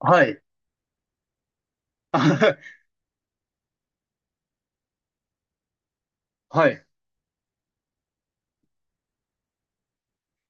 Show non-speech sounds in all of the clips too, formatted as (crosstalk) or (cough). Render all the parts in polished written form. はい。(laughs) はい。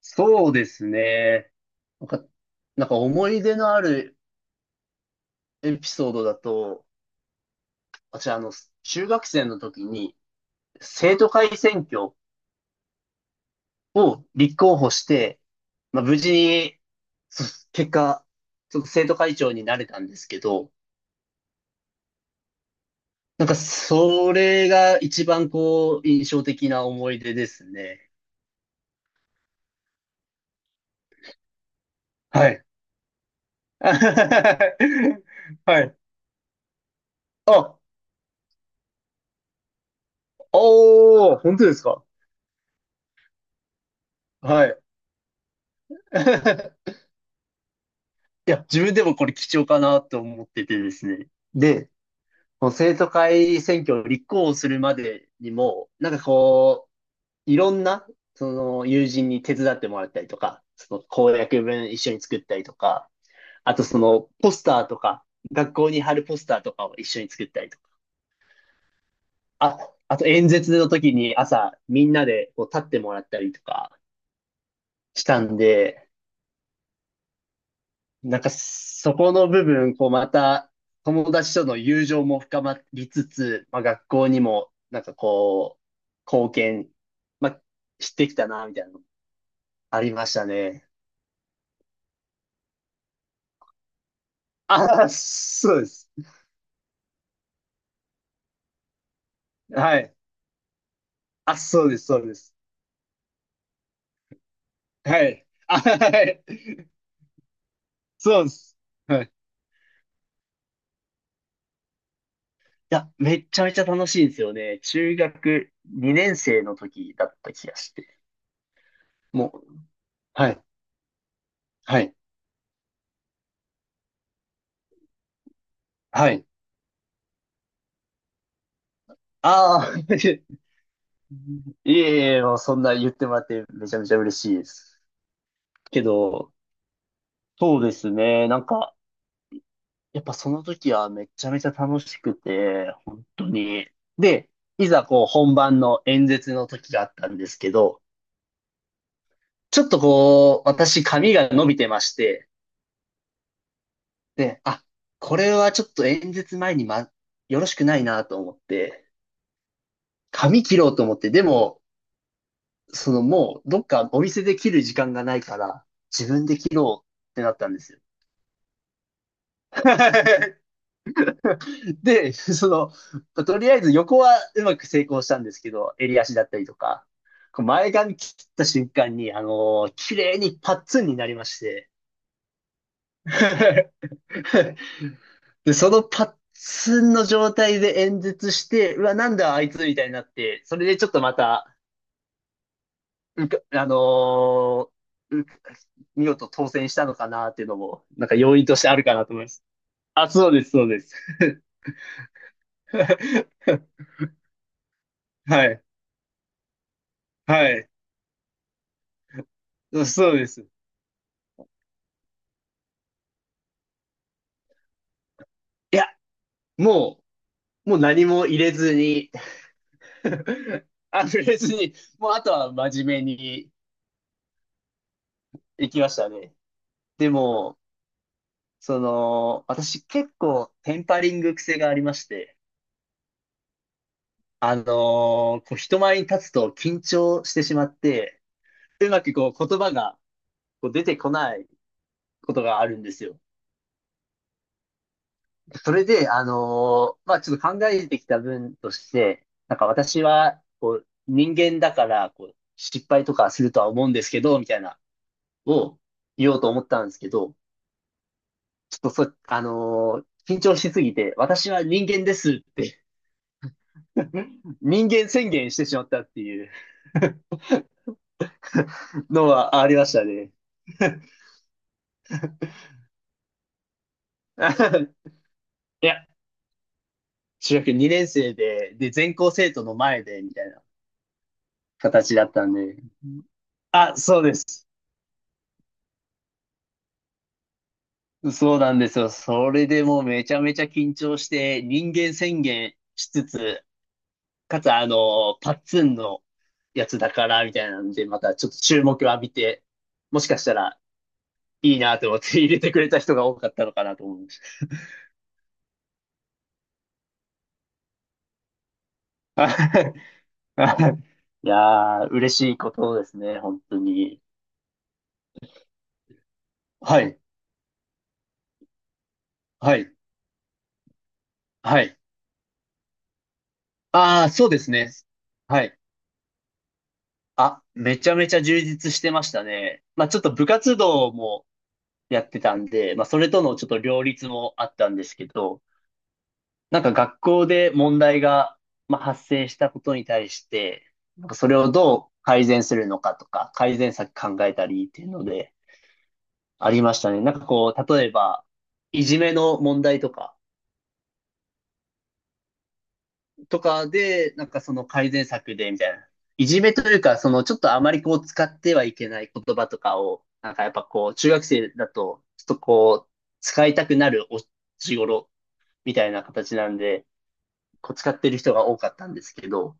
そうですね。なんか、なんか、思い出のあるエピソードだと、私、中学生の時に生徒会選挙を立候補して、まあ、無事に、そ結果、ちょっと生徒会長になれたんですけど、なんか、それが一番こう、印象的な思い出ですね。はい。(laughs) はい。あ、おー、本当ですか？はい。(laughs) いや、自分でもこれ貴重かなと思っててですね。で、この生徒会選挙を立候補するまでにも、なんかこう、いろんな、その友人に手伝ってもらったりとか、その公約文一緒に作ったりとか、あとそのポスターとか、学校に貼るポスターとかを一緒に作ったりとか、あ、あと演説の時に朝みんなでこう立ってもらったりとかしたんで、なんかそこの部分、こうまた友達との友情も深まりつつ、まあ、学校にもなんかこう、貢献、まあ、してきたな、みたいなのありましたね。あ、そうです。はい。あ、そうです、そうです。はい。あ、はい。そうです。はい。いや、めっちゃめちゃ楽しいんですよね。中学2年生の時だった気がして。もう、はい、はい、はい。ああ、(laughs) いえいえ、もうそんな言ってもらってめちゃめちゃ嬉しいです。けど、そうですね。なんか、やっぱその時はめちゃめちゃ楽しくて、本当に。で、いざこう本番の演説の時があったんですけど、ちょっとこう、私髪が伸びてまして、で、あ、これはちょっと演説前によろしくないなと思って、髪切ろうと思って、でも、そのもうどっかお店で切る時間がないから、自分で切ろうってなったんですよ。(laughs) で、(laughs) その、とりあえず横はうまく成功したんですけど、襟足だったりとか、こう前髪切った瞬間に、綺麗にパッツンになりまして、(laughs) で、そのパッツンの状態で演説して、うわ、なんだあいつみたいになって、それでちょっとまた、うかあのーう見事当選したのかなっていうのも、なんか要因としてあるかなと思います。あ、そうです、そうです。(laughs) はい、はい、そうです。いや、もう、もう何も入れずに (laughs) あ、触れずに、もうあとは真面目に行きましたね。でも、その、私結構テンパリング癖がありまして、こう人前に立つと緊張してしまって、うまくこう言葉がこう出てこないことがあるんですよ。それで、まあちょっと考えてきた分として、なんか私はこう人間だからこう失敗とかするとは思うんですけど、みたいなを言おうと思ったんですけど、ちょっとそ、あのー緊張しすぎて、私は人間ですって (laughs)、人間宣言してしまったっていうのはありましたね。(laughs) いや、中学2年生で、全校生徒の前で、みたいな形だったんで。あ、そうです。そうなんですよ。それでもうめちゃめちゃ緊張して、人間宣言しつつ、かつ、パッツンのやつだから、みたいなんで、またちょっと注目を浴びて、もしかしたらいいなと思って入れてくれた人が多かったのかなと思いました。はいはい、いやー、嬉しいことですね、本当に。はい、はい、はい。ああ、そうですね。はい。あ、めちゃめちゃ充実してましたね。まあちょっと部活動もやってたんで、まあそれとのちょっと両立もあったんですけど、なんか学校で問題が、まあ、発生したことに対して、なんかそれをどう改善するのかとか、改善策考えたりっていうのでありましたね。なんかこう、例えば、いじめの問題とかで、なんかその改善策でみたいな。いじめというか、そのちょっとあまりこう使ってはいけない言葉とかを、なんかやっぱこう、中学生だと、ちょっとこう、使いたくなるお年頃みたいな形なんで、こう使ってる人が多かったんですけど、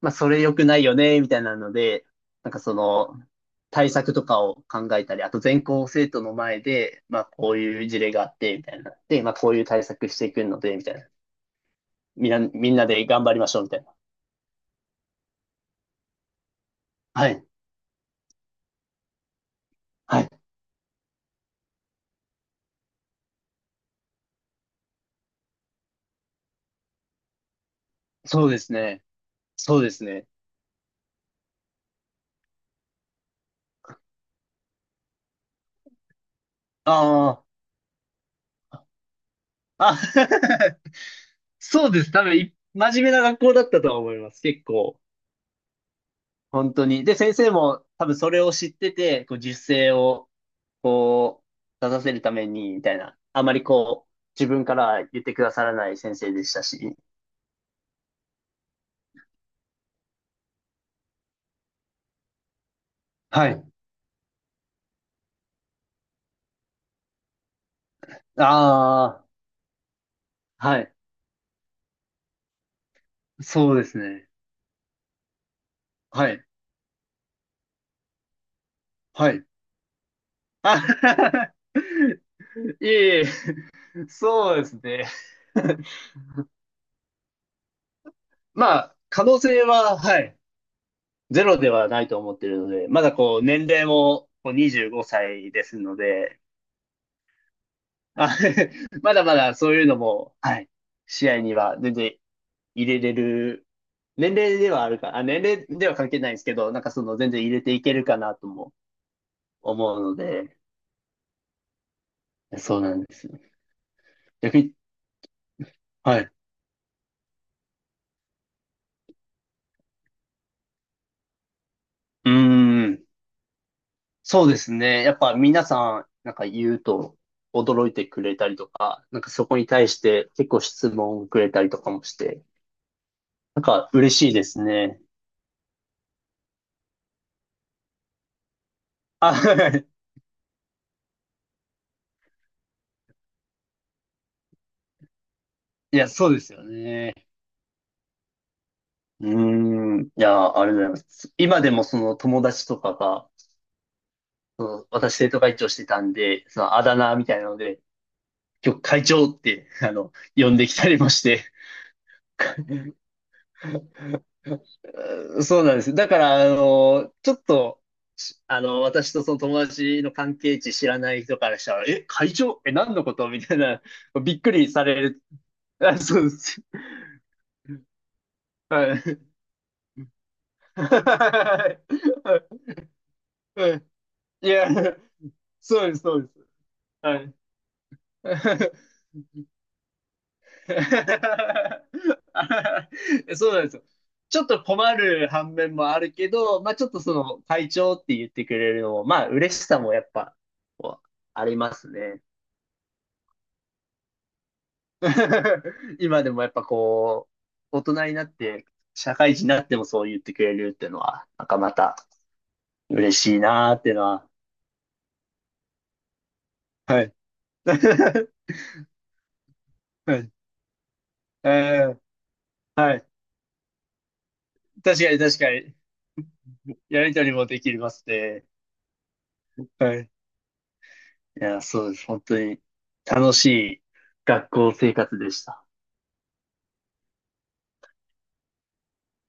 まあ、それ良くないよね、みたいなので、なんかその、対策とかを考えたり、あと全校生徒の前で、まあ、こういう事例があって、みたいな。で、まあ、こういう対策していくので、みたいな。みんな、みんなで頑張りましょう、みたいな。はい。はい。そうですね。そうですね。ああ。あ (laughs) そうです。多分、真面目な学校だったとは思います。結構。本当に。で、先生も多分それを知ってて、こう、実践をこう、出させるために、みたいな。あまりこう、自分から言ってくださらない先生でしたし。はい。ああ、はい。そうですね。はい。はい。あ (laughs) いえいえ、そうですね。(laughs) まあ、可能性は、はい、ゼロではないと思ってるので、まだこう、年齢もこう25歳ですので、あ (laughs) まだまだそういうのも、はい、試合には全然入れれる、年齢ではあるか、あ、年齢では関係ないんですけど、なんかその全然入れていけるかなとも思うので、そうなんですよ。逆に、はい。うーん。そうですね。やっぱ皆さん、なんか言うと驚いてくれたりとか、なんかそこに対して結構質問をくれたりとかもして、なんか嬉しいですね。あ、はい。いや、そうですよね。うーん。いや、ありがとうございます。今でもその友達とかが、そう、私生徒会長してたんで、そのあだ名みたいなので、今日会長って、呼んできたりもして。(laughs) そうなんです。だから、ちょっと、しあの、私とその友達の関係値知らない人からしたら、え、会長え、何のことみたいな、びっくりされる。あ、そうです。はい。(laughs) はい、いや、そうです、そうです。はい。(laughs) (laughs) そうなんですよ。ちょっと困る反面もあるけど、まあちょっとその会長って言ってくれるのも、まあ嬉しさもやっぱ、こうありますね。(laughs) 今でもやっぱこう、大人になって、社会人になってもそう言ってくれるっていうのは、なんかまた嬉しいなーっていうのは。はい。(laughs) はい。えーはい。確かに確かに。やりとりもできますね。はい。いや、そうです。本当に楽しい学校生活でした。